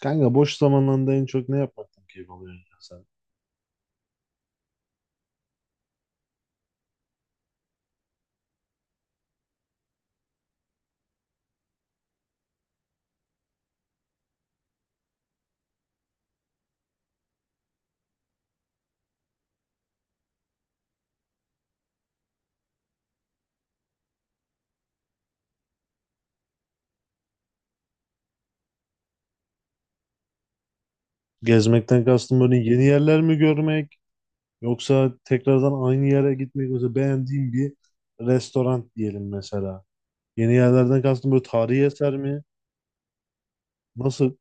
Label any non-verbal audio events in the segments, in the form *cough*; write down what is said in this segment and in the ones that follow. Kanka boş zamanlarında en çok ne yapmaktan keyif alıyorsun ya sen? Gezmekten kastım böyle yeni yerler mi görmek yoksa tekrardan aynı yere gitmek mesela beğendiğin bir restoran diyelim mesela. Yeni yerlerden kastım böyle tarihi eser mi? Nasıl?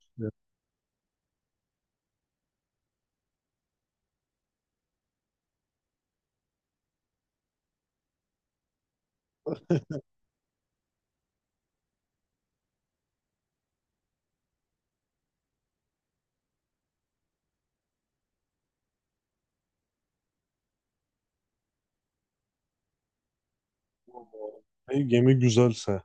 Ne gemi güzelse.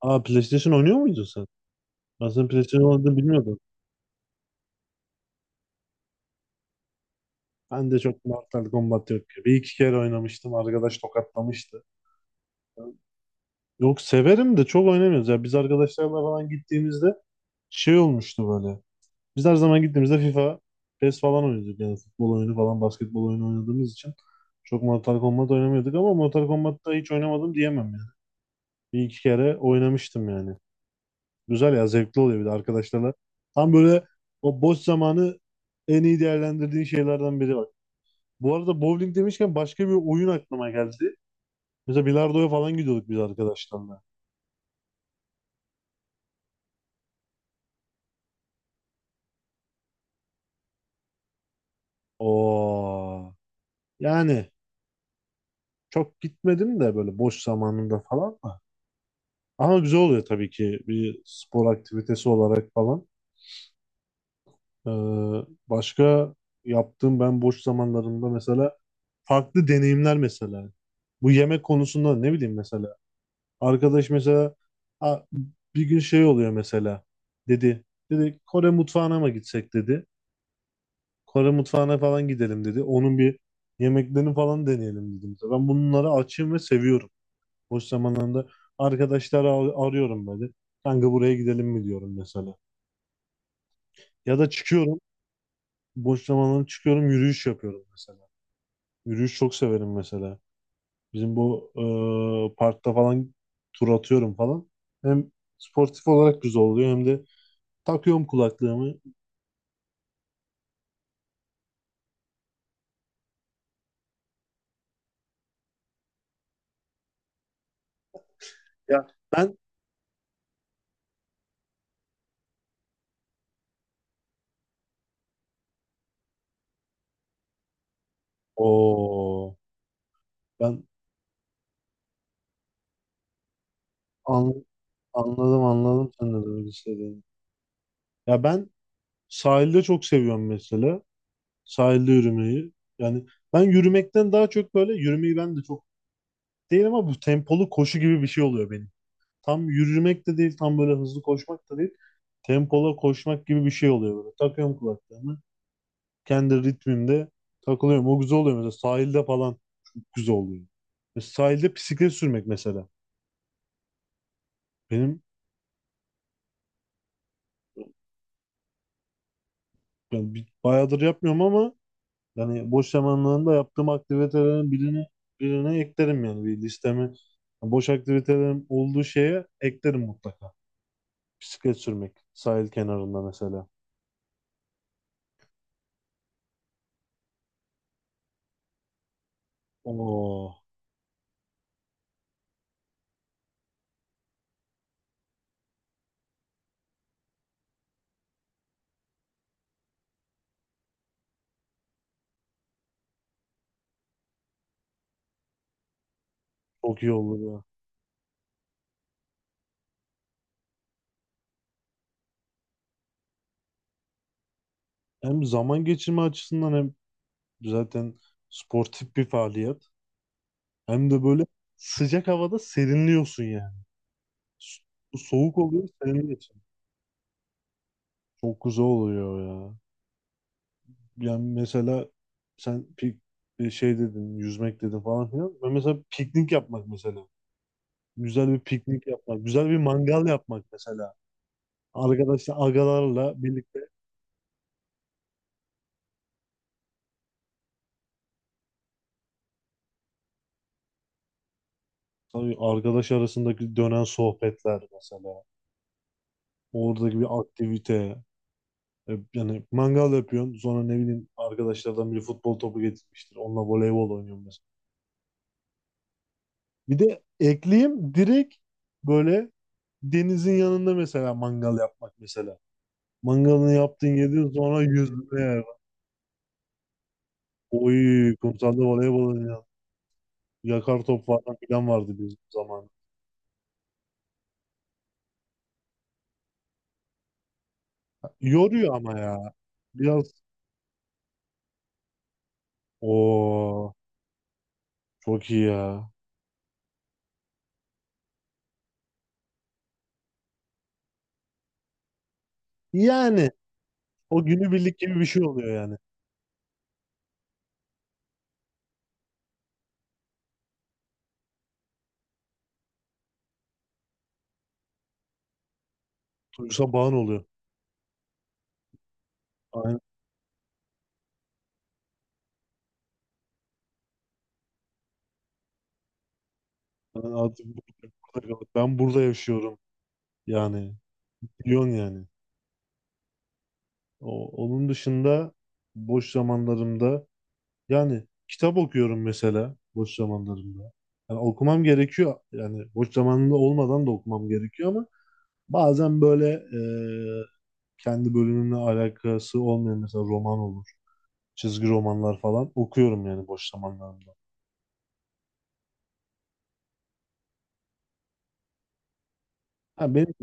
Aa, PlayStation oynuyor muydun sen? Ben senin PlayStation oynadığını bilmiyordum. Ben de çok Mortal Kombat yok ki. Bir iki kere oynamıştım. Arkadaş tokatlamıştı. Yok, severim de çok oynamıyoruz. Ya biz arkadaşlarla falan gittiğimizde şey olmuştu böyle. Biz her zaman gittiğimizde FIFA, PES falan oynuyorduk yani futbol oyunu falan basketbol oyunu oynadığımız için çok Mortal Kombat oynamıyorduk ama Mortal Kombat'ta hiç oynamadım diyemem yani. Bir iki kere oynamıştım yani. Güzel ya, zevkli oluyor bir de arkadaşlarla. Tam böyle o boş zamanı en iyi değerlendirdiğin şeylerden biri bak. Bu arada bowling demişken başka bir oyun aklıma geldi. Mesela bilardoya falan gidiyorduk biz arkadaşlarla. Oo. Yani çok gitmedim de böyle boş zamanında falan. Ama güzel oluyor tabii ki bir spor aktivitesi olarak falan. Ee, başka yaptığım ben boş zamanlarımda mesela farklı deneyimler mesela. Bu yemek konusunda ne bileyim mesela. Arkadaş mesela "Aa, bir gün şey oluyor mesela. Dedi. Dedi Kore mutfağına mı gitsek dedi. Kore mutfağına falan gidelim dedi. Onun bir yemeklerini falan deneyelim dedim. Ben bunları açığım ve seviyorum. Boş zamanlarında arkadaşları arıyorum böyle. Kanka buraya gidelim mi diyorum mesela. Ya da çıkıyorum, boş zamanlarım çıkıyorum, yürüyüş yapıyorum mesela. Yürüyüş çok severim mesela. Bizim bu parkta falan tur atıyorum falan. Hem sportif olarak güzel oluyor hem de takıyorum kulaklığımı. Ya ben o ben an- anladım anladım sen ne demek istediğini. Ya ben sahilde çok seviyorum mesela. Sahilde yürümeyi. Yani ben yürümekten daha çok böyle yürümeyi ben de çok değil ama bu tempolu koşu gibi bir şey oluyor benim. Tam yürümek de değil, tam böyle hızlı koşmak da değil. Tempola koşmak gibi bir şey oluyor böyle. Takıyorum kulaklığımı. Kendi ritmimde takılıyorum. O güzel oluyor mesela. Sahilde falan çok güzel oluyor. Ve sahilde bisiklet sürmek mesela. Benim yani bayağıdır yapmıyorum ama yani boş zamanlarında yaptığım aktivitelerin birini birine eklerim yani bir listeme. Yani boş aktivitelerim olduğu şeye eklerim mutlaka. Bisiklet sürmek sahil kenarında mesela. Oo, çok iyi olur ya. Hem zaman geçirme açısından hem zaten sportif bir faaliyet. Hem de böyle sıcak havada serinliyorsun yani. So- Soğuk oluyor, serinliyorsun. Çok güzel oluyor ya. Yani mesela sen şey dedin, yüzmek dedin falan filan. Ben mesela piknik yapmak mesela. Güzel bir piknik yapmak, güzel bir mangal yapmak mesela. Arkadaşlar, agalarla birlikte tabii arkadaş arasındaki dönen sohbetler mesela. Oradaki bir aktivite. Yani mangal yapıyorsun. Sonra ne bileyim arkadaşlardan biri futbol topu getirmiştir. Onunla voleybol oynuyorum mesela. Bir de ekleyeyim direkt böyle denizin yanında mesela mangal yapmak mesela. Mangalını yaptın yedin sonra yüzme yani. Oy kumsalda voleybol oynayan. Yakar top falan filan vardı bizim zaman. Yoruyor ama ya. Biraz o çok iyi ya. Yani o günübirlik gibi bir şey oluyor yani. Duygusa bağın oluyor. Ben artık burada, burada kalıp ben burada yaşıyorum. Yani biliyorsun yani. O, onun dışında boş zamanlarımda yani kitap okuyorum mesela boş zamanlarımda. Yani okumam gerekiyor. Yani boş zamanında olmadan da okumam gerekiyor ama bazen böyle kendi bölümümle alakası olmayan mesela roman olur. Çizgi romanlar falan okuyorum yani boş zamanlarımda. Ha,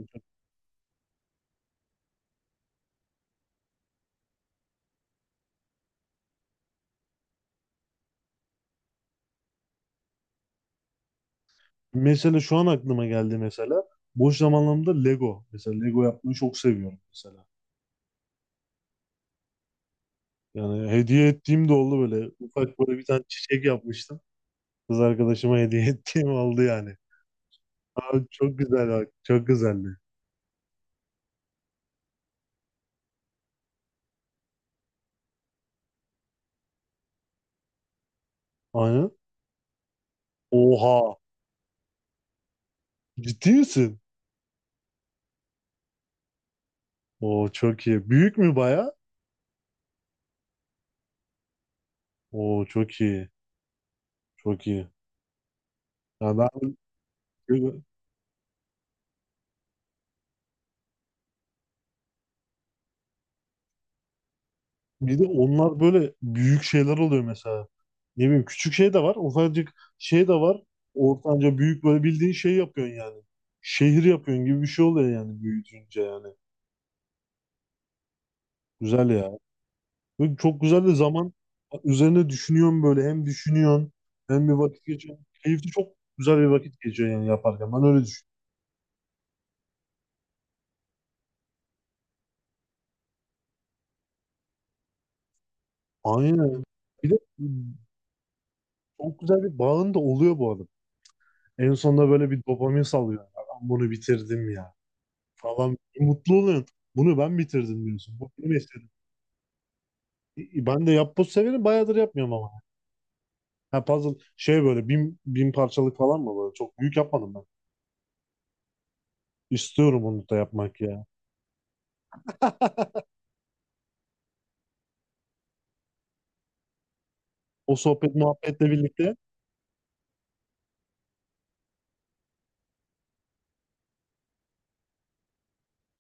mesela şu an aklıma geldi mesela. Boş zamanlarımda Lego. Mesela Lego yapmayı çok seviyorum mesela. Yani hediye ettiğim de oldu böyle. Ufak böyle bir tane çiçek yapmıştım. Kız arkadaşıma hediye *laughs* ettiğim oldu yani. Abi çok güzel bak. Çok güzeldi. Aynen. Oha. Ciddi misin? Oo, çok iyi. Büyük mü baya? Oo, çok iyi. Çok iyi. Ya ben Bir de onlar böyle büyük şeyler oluyor mesela. Ne bileyim, küçük şey de var, ufacık şey de var. Ortanca büyük böyle bildiğin şey yapıyorsun yani. Şehir yapıyorsun gibi bir şey oluyor yani büyütünce yani. Güzel ya. Böyle çok güzel de zaman üzerine düşünüyorsun böyle. Hem düşünüyorsun hem bir vakit geçiyorsun. Keyifli, çok güzel bir vakit geçiyor yani yaparken. Ben öyle düşünüyorum. Aynen. Bir de çok güzel bir bağın da oluyor bu arada. En sonunda böyle bir dopamin salıyor. Ben bunu bitirdim ya, falan mutlu oluyorsun. Bunu ben bitirdim diyorsun. Bu benim eserim. Ben de yapboz severim. Bayağıdır yapmıyorum ama. Ha, puzzle şey böyle bin, bin parçalık falan mı böyle? Çok büyük yapmadım ben. İstiyorum onu da yapmak ya. O sohbet muhabbetle birlikte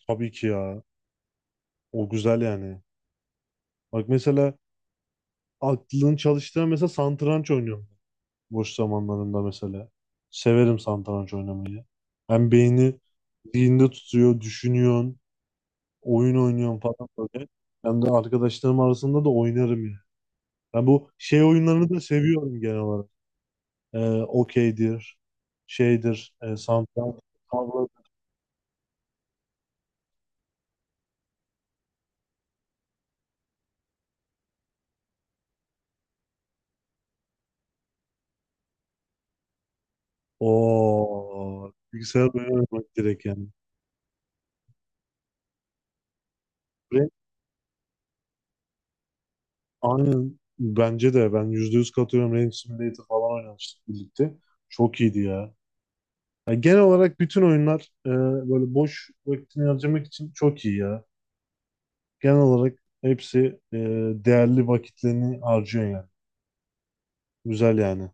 tabii ki ya. O güzel yani. Bak mesela aklın çalıştığı mesela satranç oynuyorum. Boş zamanlarımda mesela. Severim satranç oynamayı. Hem beyni zihinde tutuyor, düşünüyorsun. Oyun oynuyorum falan böyle. Hem de arkadaşlarım arasında da oynarım yani. Ben bu şey oyunlarını da seviyorum genel olarak. Okeydir, şeydir, satranç, tavla. Oo, bilgisayar oyunu oynamak direkt yani. Ve aynen bence de ben %100 katılıyorum. Rain Simulator falan oynamıştık birlikte. Çok iyiydi ya. Ya genel olarak bütün oyunlar böyle boş vaktini harcamak için çok iyi ya. Genel olarak hepsi değerli vakitlerini harcıyor yani. Güzel yani.